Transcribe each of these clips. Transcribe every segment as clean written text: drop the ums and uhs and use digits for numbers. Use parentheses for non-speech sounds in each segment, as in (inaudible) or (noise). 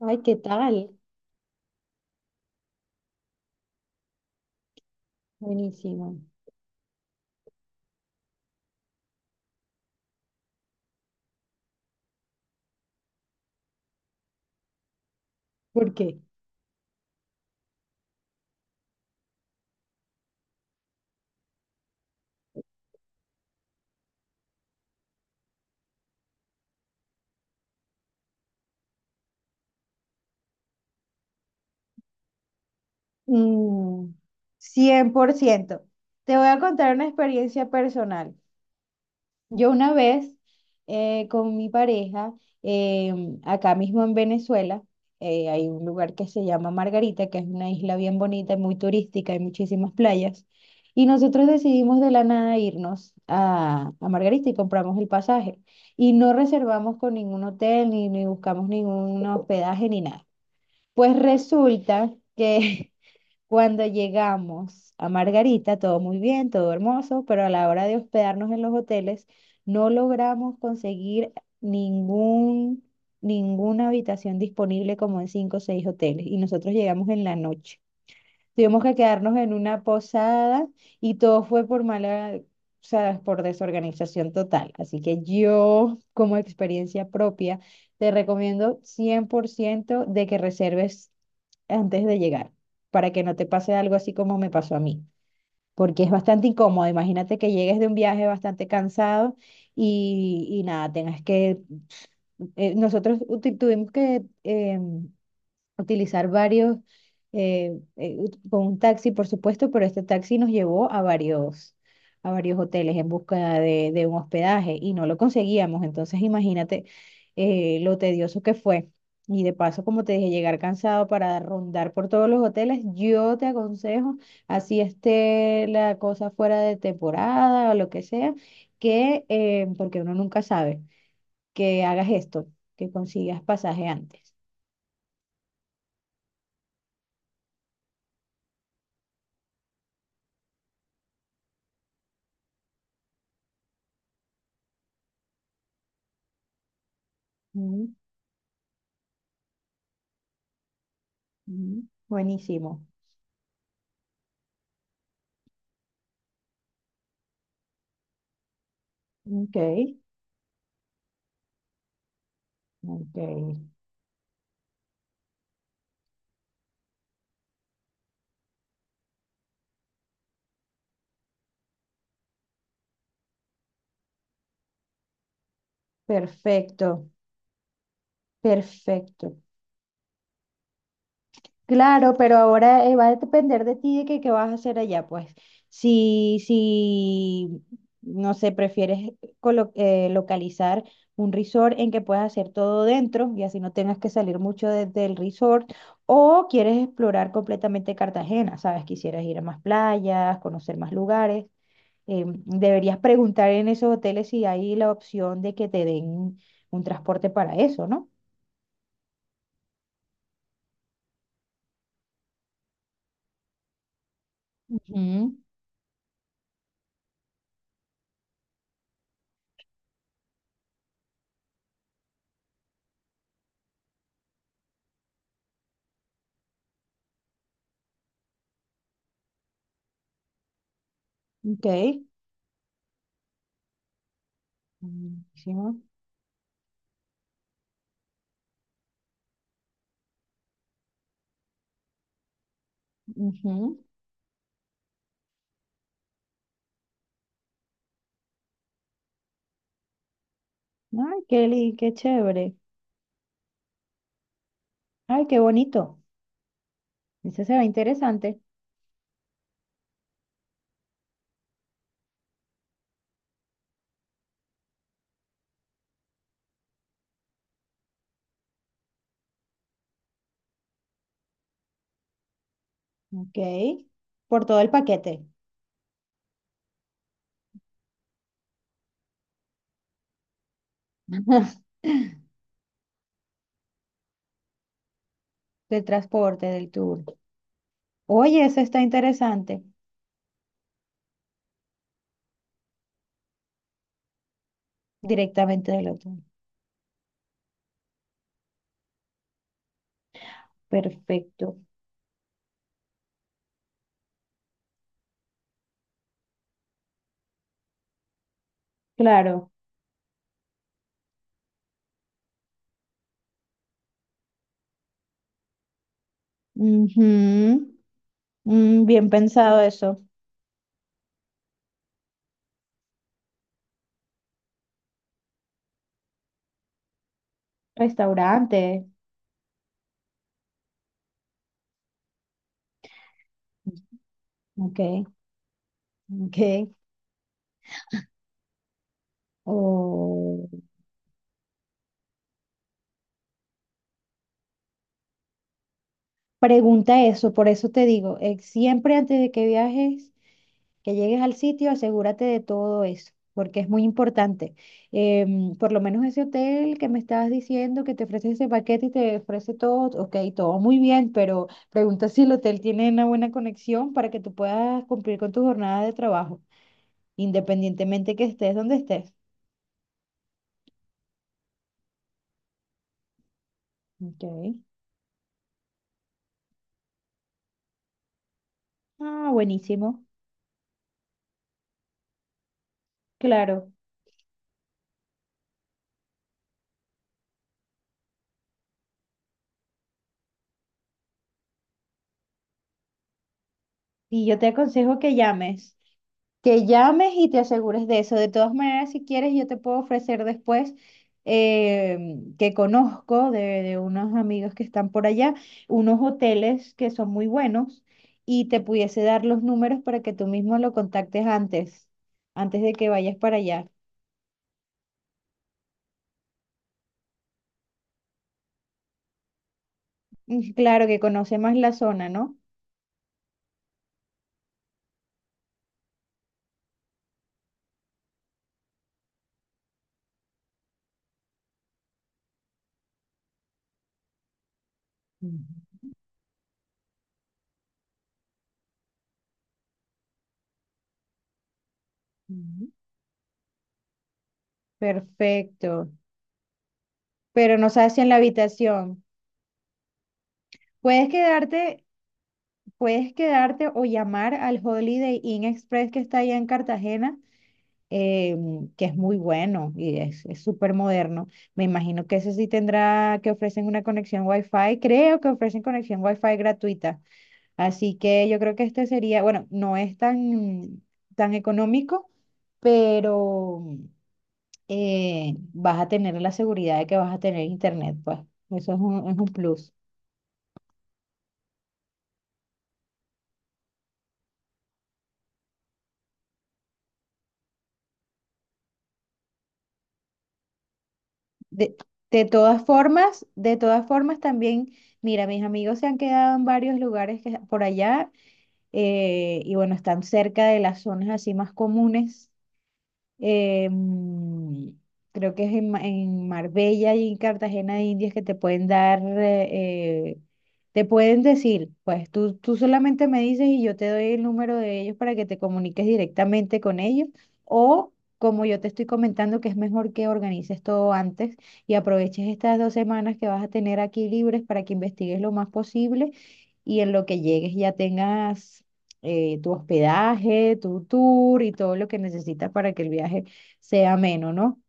Ay, ¿qué tal? Buenísimo. ¿Por qué? Mm, cien por ciento. Te voy a contar una experiencia personal. Yo una vez con mi pareja, eh, acá mismo en Venezuela, hay un lugar que se llama Margarita, que es una isla bien bonita y muy turística, hay muchísimas playas. Y nosotros decidimos de la nada irnos a Margarita y compramos el pasaje. Y no reservamos con ningún hotel, ni buscamos ningún hospedaje, ni nada. Pues resulta que (laughs) cuando llegamos a Margarita, todo muy bien, todo hermoso, pero a la hora de hospedarnos en los hoteles, no logramos conseguir ningún, ninguna habitación disponible como en cinco o seis hoteles. Y nosotros llegamos en la noche. Tuvimos que quedarnos en una posada y todo fue por mala, o sea, por desorganización total. Así que yo, como experiencia propia, te recomiendo 100% de que reserves antes de llegar, para que no te pase algo así como me pasó a mí, porque es bastante incómodo. Imagínate que llegues de un viaje bastante cansado y nada, tengas que, nosotros tuvimos que utilizar varios, con un taxi, por supuesto, pero este taxi nos llevó a varios hoteles en busca de un hospedaje y no lo conseguíamos. Entonces, imagínate lo tedioso que fue. Y de paso, como te dije, llegar cansado para rondar por todos los hoteles, yo te aconsejo, así esté la cosa fuera de temporada o lo que sea, que, porque uno nunca sabe, que hagas esto, que consigas pasaje antes. Ujú. Buenísimo. Ok, ok. Perfecto, perfecto. Claro, pero ahora va a depender de ti de que qué vas a hacer allá, pues. Si, no sé, prefieres localizar un resort en que puedas hacer todo dentro y así no tengas que salir mucho del resort, o quieres explorar completamente Cartagena, sabes, quisieras ir a más playas, conocer más lugares. Deberías preguntar en esos hoteles si hay la opción de que te den un transporte para eso, ¿no? Ujú. Ok. Buenísimo. Ujú. Ay, qué chévere. Ay, qué bonito. Ese se ve interesante. Ok. Por todo el paquete. (laughs) Del transporte, del tour. Oye, eso está interesante. Directamente del hotel. Perfecto. Claro. Ujú. Mm, bien pensado eso. Restaurante. Ok, ok. O- Pregunta eso, por eso te digo, siempre antes de que viajes, que llegues al sitio, asegúrate de todo eso, porque es muy importante. Por lo menos ese hotel que me estabas diciendo que te ofrece ese paquete y te ofrece todo, ok, todo muy bien, pero pregunta si el hotel tiene una buena conexión para que tú puedas cumplir con tu jornada de trabajo, independientemente que estés donde estés. Ok. Ah, buenísimo. Claro, y yo te aconsejo que llames y te asegures de eso. De todas maneras, si quieres, yo te puedo ofrecer después eh, que conozco de unos amigos que están por allá, unos hoteles que son muy buenos y te pudiese dar los números para que tú mismo lo contactes antes, antes de que vayas para allá. Mm, claro que conoce más la zona, ¿no? Ujú, ujú. Perfecto, pero no sabes si en la habitación. Puedes quedarte. Puedes quedarte o llamar al Holiday Inn Express que está allá en Cartagena, eh, que es muy bueno y es súper moderno. Me imagino que ese sí tendrá que ofrecen una conexión Wi-Fi. Creo que ofrecen conexión Wi-Fi gratuita. Así que yo creo que este sería, bueno, no es tan, tan económico, pero vas a tener la seguridad de que vas a tener internet, pues. Eso es un plus. De, de todas formas, de todas formas también, mira, mis amigos se han quedado en varios lugares que, por allá y bueno, están cerca de las zonas así más comunes, em, creo que es en, en Marbella y en Cartagena de Indias que te pueden dar, te pueden decir, pues tú solamente me dices y yo te doy el número de ellos para que te comuniques directamente con ellos o... Como yo te estoy comentando, que es mejor que organices todo antes y aproveches estas dos semanas que vas a tener aquí libres para que investigues lo más posible y en lo que llegues ya tengas tu hospedaje, tu tour y todo lo que necesitas para que el viaje sea ameno, ¿no?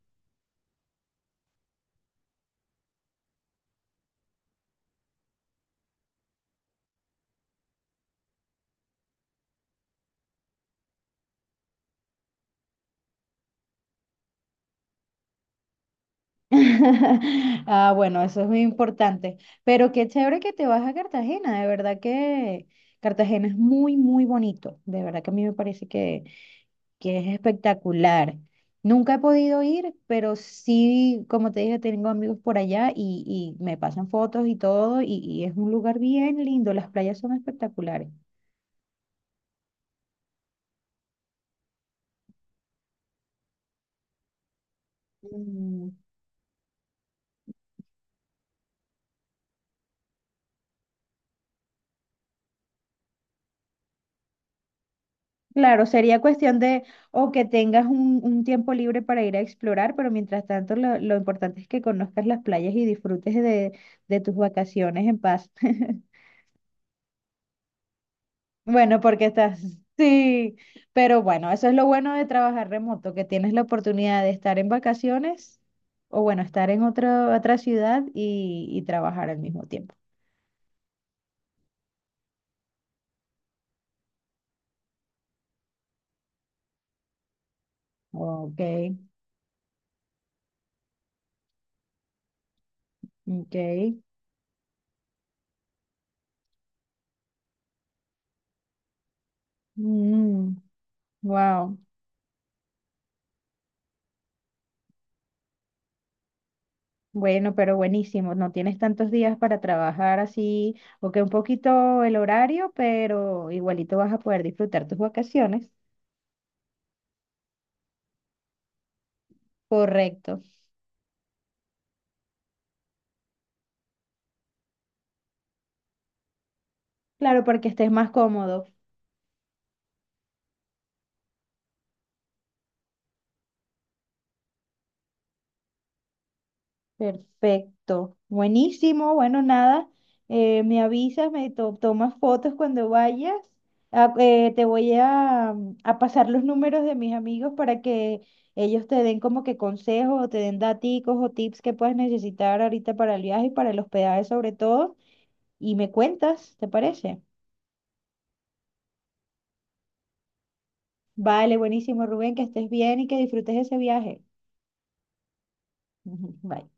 (laughs) Ah, bueno, eso es muy importante. Pero qué chévere que te vas a Cartagena, de verdad que Cartagena es muy, muy bonito, de verdad que a mí me parece que es espectacular. Nunca he podido ir, pero sí, como te dije, tengo amigos por allá y me pasan fotos y todo, y es un lugar bien lindo, las playas son espectaculares. Mm, claro, sería cuestión de o que tengas un tiempo libre para ir a explorar, pero mientras tanto lo importante es que conozcas las playas y disfrutes de tus vacaciones en paz. (laughs) Bueno, porque estás, sí, pero bueno, eso es lo bueno de trabajar remoto, que tienes la oportunidad de estar en vacaciones o bueno, estar en otra otra ciudad y trabajar al mismo tiempo. Ok, ok. Mm, wow. Bueno, pero buenísimo. No tienes tantos días para trabajar así, o que un poquito el horario, pero igualito vas a poder disfrutar tus vacaciones. Correcto. Claro, porque estés más cómodo. Perfecto. Buenísimo. Bueno, nada. Me avisas, tomas fotos cuando vayas. Ah, te voy a pasar los números de mis amigos para que ellos te den como que consejos o te den daticos o tips que puedas necesitar ahorita para el viaje y para el hospedaje sobre todo. Y me cuentas, ¿te parece? Vale, buenísimo, Rubén, que estés bien y que disfrutes ese viaje. (laughs) Bye.